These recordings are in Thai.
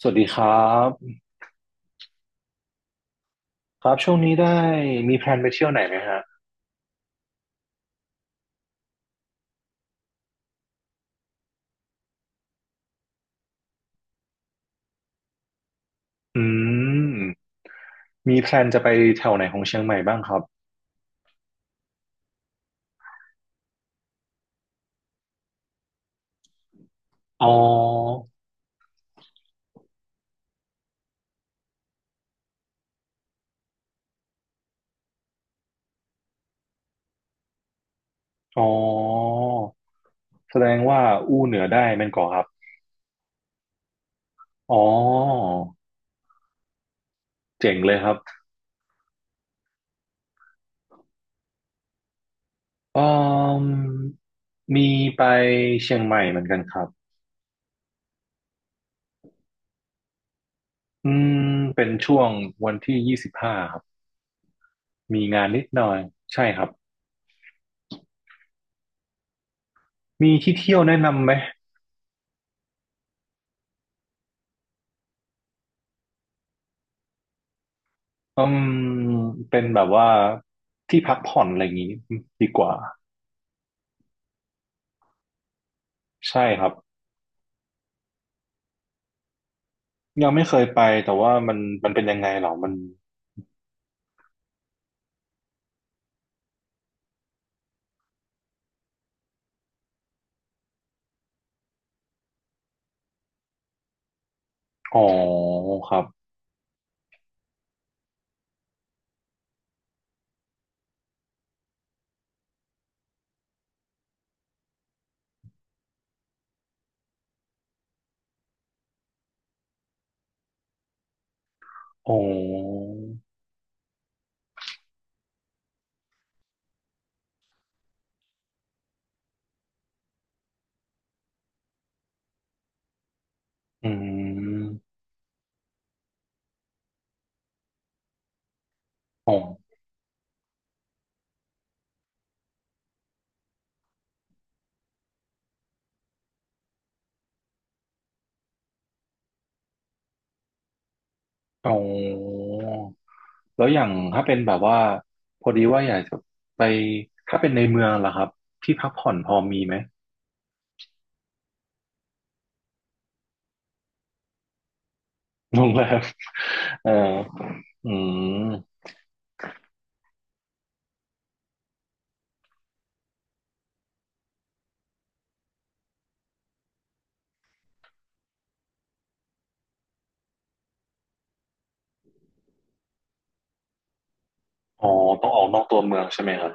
สวัสดีครับครับช่วงนี้ได้มีแพลนไปเที่ยวไหนไหมฮะอืมมีแพลนจะไปแถวไหนของเชียงใหม่บ้างครับอ๋ออ๋อแสดงว่าอู้เหนือได้แม่นก่อครับอ๋อเจ๋งเลยครับอืมมีไปเชียงใหม่เหมือนกันครับอืมเป็นช่วงวันที่ยี่สิบห้าครับมีงานนิดหน่อยใช่ครับมีที่เที่ยวแนะนำไหม อืมเป็นแบบว่าที่พักผ่อนอะไรอย่างนี้ดีกว่าใช่ครับยังไม่เคยไปแต่ว่ามันมันเป็นยังไงเหรอมันอ๋อครับอ๋ออืมอ๋ออ๋อแล้วอย่างถ้าเป็นแบบว่าพอดีว่าอยากจะไปถ้าเป็นในเมืองล่ะครับที่พักผ่อนพอมีไหมโรงแรม เอออืมอ๋อต้องออกนอกตัวเมืองใช่ไหมครับ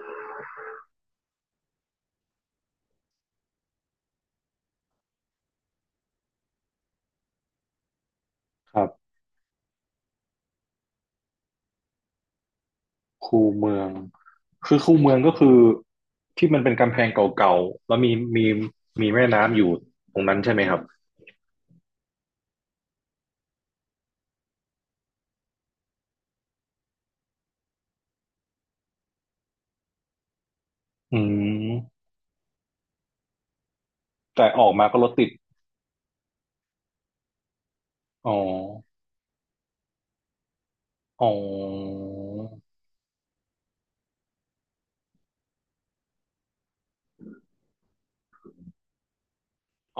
ครับ คูเมืองคือคูเมืองก็คือที่มันเป็นกำแพงเก่าๆแล้วมีมีมีแม่น้ำอยู่ตรงนั้นใช่ไหมครับอืมแต่ออกมาก็รถติดอ๋ออ๋อ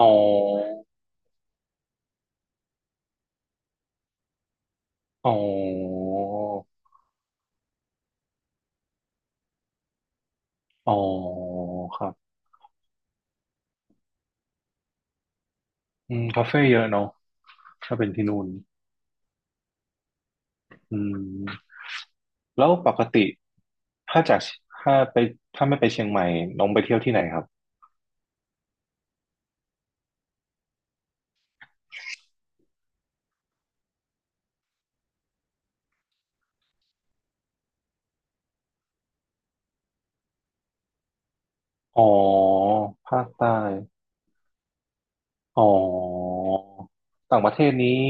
อ๋ออ๋ออ๋อครับอืมคาเฟ่เยอะเนาะถ้าเป็นที่นู่นอืมแล้วปกติถ้าจากถ้าไปถ้าไม่ไปเชียงใหม่น้องไปเที่ยวที่ไหนครับอ๋อภาคใต้ อ๋อต่างประเทศนี้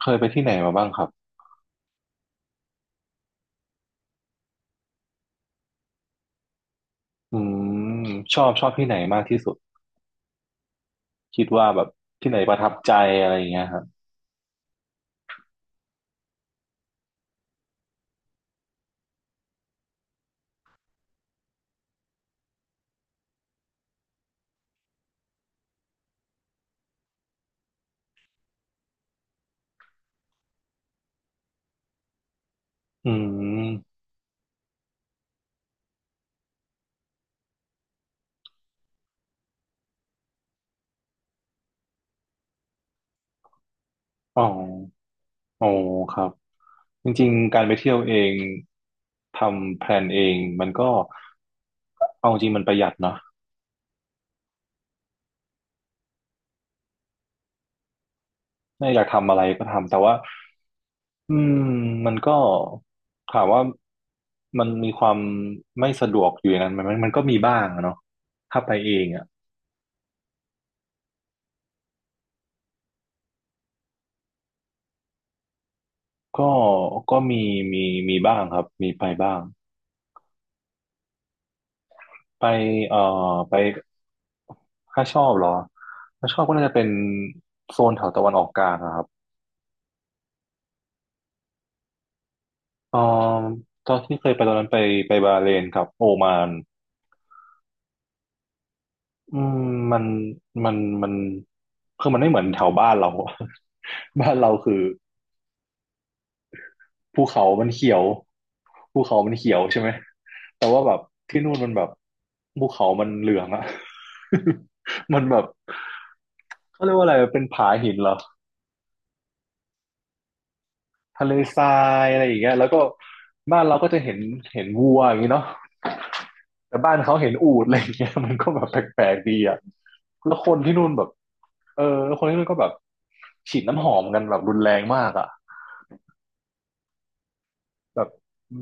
เคยไปที่ไหนมาบ้างครับอืมชอบที่ไหนมากที่สุดคิดว่าแบบที่ไหนประทับใจอะไรอย่างเงี้ยครับอืมอ๋ออ๋อครับจริงๆการไปเที่ยวเองทำแพลนเองมันก็เอาจริงมันประหยัดเนาะถ้าอยากทำอะไรก็ทำแต่ว่าอืมมันก็ถามว่ามันมีความไม่สะดวกอยู่ในนั้นไหมมันมันก็มีบ้างอะเนาะถ้าไปเองอะ ก็ก็มีมีมีบ้างครับ มีไปบ้าง ไปเอ่อไปถ้าชอบเหรอถ้าชอบก็น่าจะเป็นโซนแถวตะวันออกกลางนะครับเอ่อตอนที่เคยไปตอนนั้นไปไปบาห์เรนกับโอมานอืมมันมันมันคือมันไม่เหมือนแถวบ้านเราอะ บ้านเราคือ ภูเขามันเขียวภูเขามันเขียวใช่ไหมแต่ว่าแบบที่นู่นมันแบบภูเขามันเหลืองอะ มันแบบเขาเรียกว่าอะไรเป็นผาหินเหรอทะเลทรายอะไรอย่างเงี้ยแล้วก็บ้านเราก็จะเห็นเห็นวัวอย่างงี้เนาะแต่บ้านเขาเห็นอูฐอะไรอย่างเงี้ย มันก็แบบแปลกๆดีอะแล้วคนที่นู่นแบบเออคนที่นู่นก็แบบฉีดน้ำหอมกันแบบรุนแรงมากอะ แบบ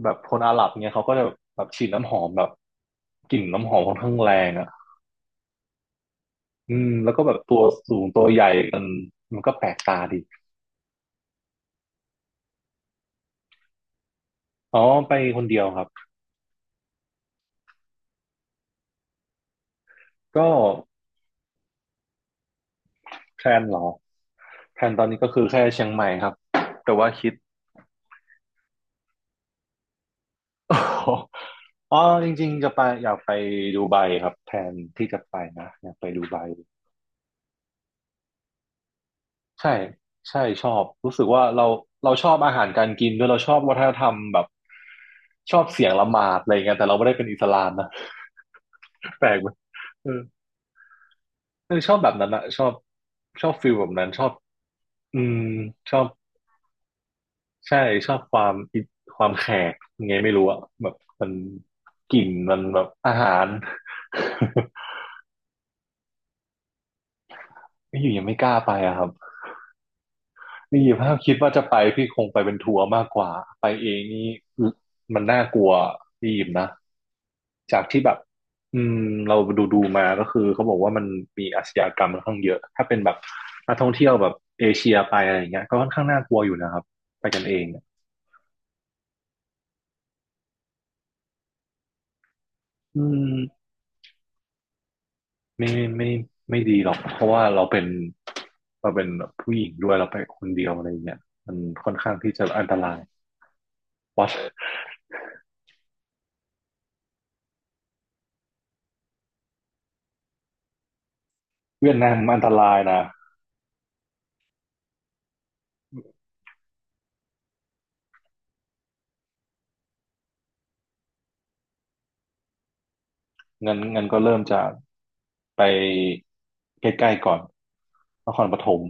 แบบคนอาหรับเนี่ยเขาก็จะแบบฉีดน้ำหอมแบบกลิ่นน้ำหอมค่อนข้างแรงอ่ะอืมแล้วก็แบบตัวสูงตัวใหญ่กันมันก็แปลกตาดีอ๋อไปคนเดียวครับก็แพลนเหรอแพลนตอนนี้ก็คือแค่เชียงใหม่ครับแต่ว่าคิด อ๋อจริงๆจะไปอยากไปดูไบครับแพลนที่จะไปนะอยากไปดูไบ ใช่ใช่ชอบรู้สึกว่าเราเราชอบอาหารการกินด้วยเราชอบวัฒนธรรมแบบชอบเสียงละหมาดอะไรเงี้ยแต่เราไม่ได้เป็นอิสลามนะ แปลกไหมเออเออชอบแบบนั้นอะชอบชอบฟิลแบบนั้นชอบอืมชอบใช่ชอบความอิความแขกยังไงไม่รู้อะแบบมันกลิ่นมันแบบอาหาร ไม่อยู่ยังไม่กล้าไปอะครับ นี่ถ้าคิดว่าจะไปพี่คงไปเป็นทัวร์มากกว่าไปเองนี่มันน่ากลัวพี่ยิมนะจากที่แบบอืมเราดูมาก็คือเขาบอกว่ามันมีอาชญากรรมค่อนข้างเยอะถ้าเป็นแบบนักท่องเที่ยวแบบเอเชียไปอะไรอย่างเงี้ยก็ค่อนข้างน่ากลัวอยู่นะครับไปกันเองเนี่ยอืมไม่ไม่ไม่ดีหรอกเพราะว่าเราเป็นผู้หญิงด้วยเราไปคนเดียวอะไรอย่างเงี้ยมันค่อนข้างที่จะอันตรายวัดเวียดนามอันตรายนะ เงินเงินก็เริ่มจากไปใกล้ๆก่อนนครปฐม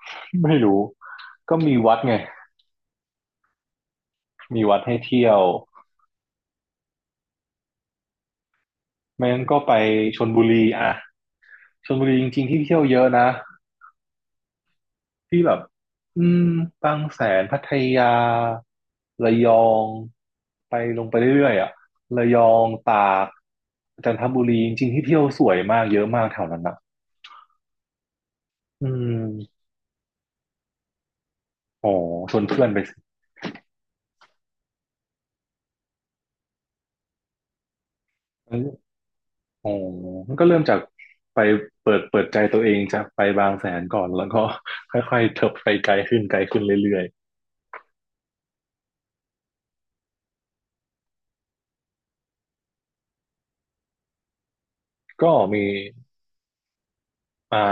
ไม่รู้ก็มีวัดไงมีวัดให้เที่ยวไม่งั้นก็ไปชลบุรีอ่ะชลบุรีจริงๆที่เที่ยวเยอะนะที่แบบอืมบางแสนพัทยาระยองไปลงไปเรื่อยๆอ่ะระยองตากจันทบุรีจริงๆที่เที่ยวสวยมากเยอะมากแถวนั้นนะอืมอ๋อชวนเพื่อนไปสิ อ๋อมันก็เริ่มจากไปเปิดใจตัวเองจากไปบางแสนก่อนแล้วก็ ค่อยๆเถิบไปไกลขึ้นไกลขึ้นเรื่อยๆ ก็มีอ่า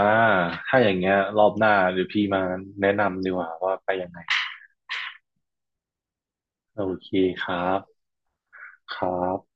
ถ้าอย่างเงี้ยรอบหน้าหรือพี่มาแนะนำดีกว่าว่าไปยังไง โอเคครับ ครับ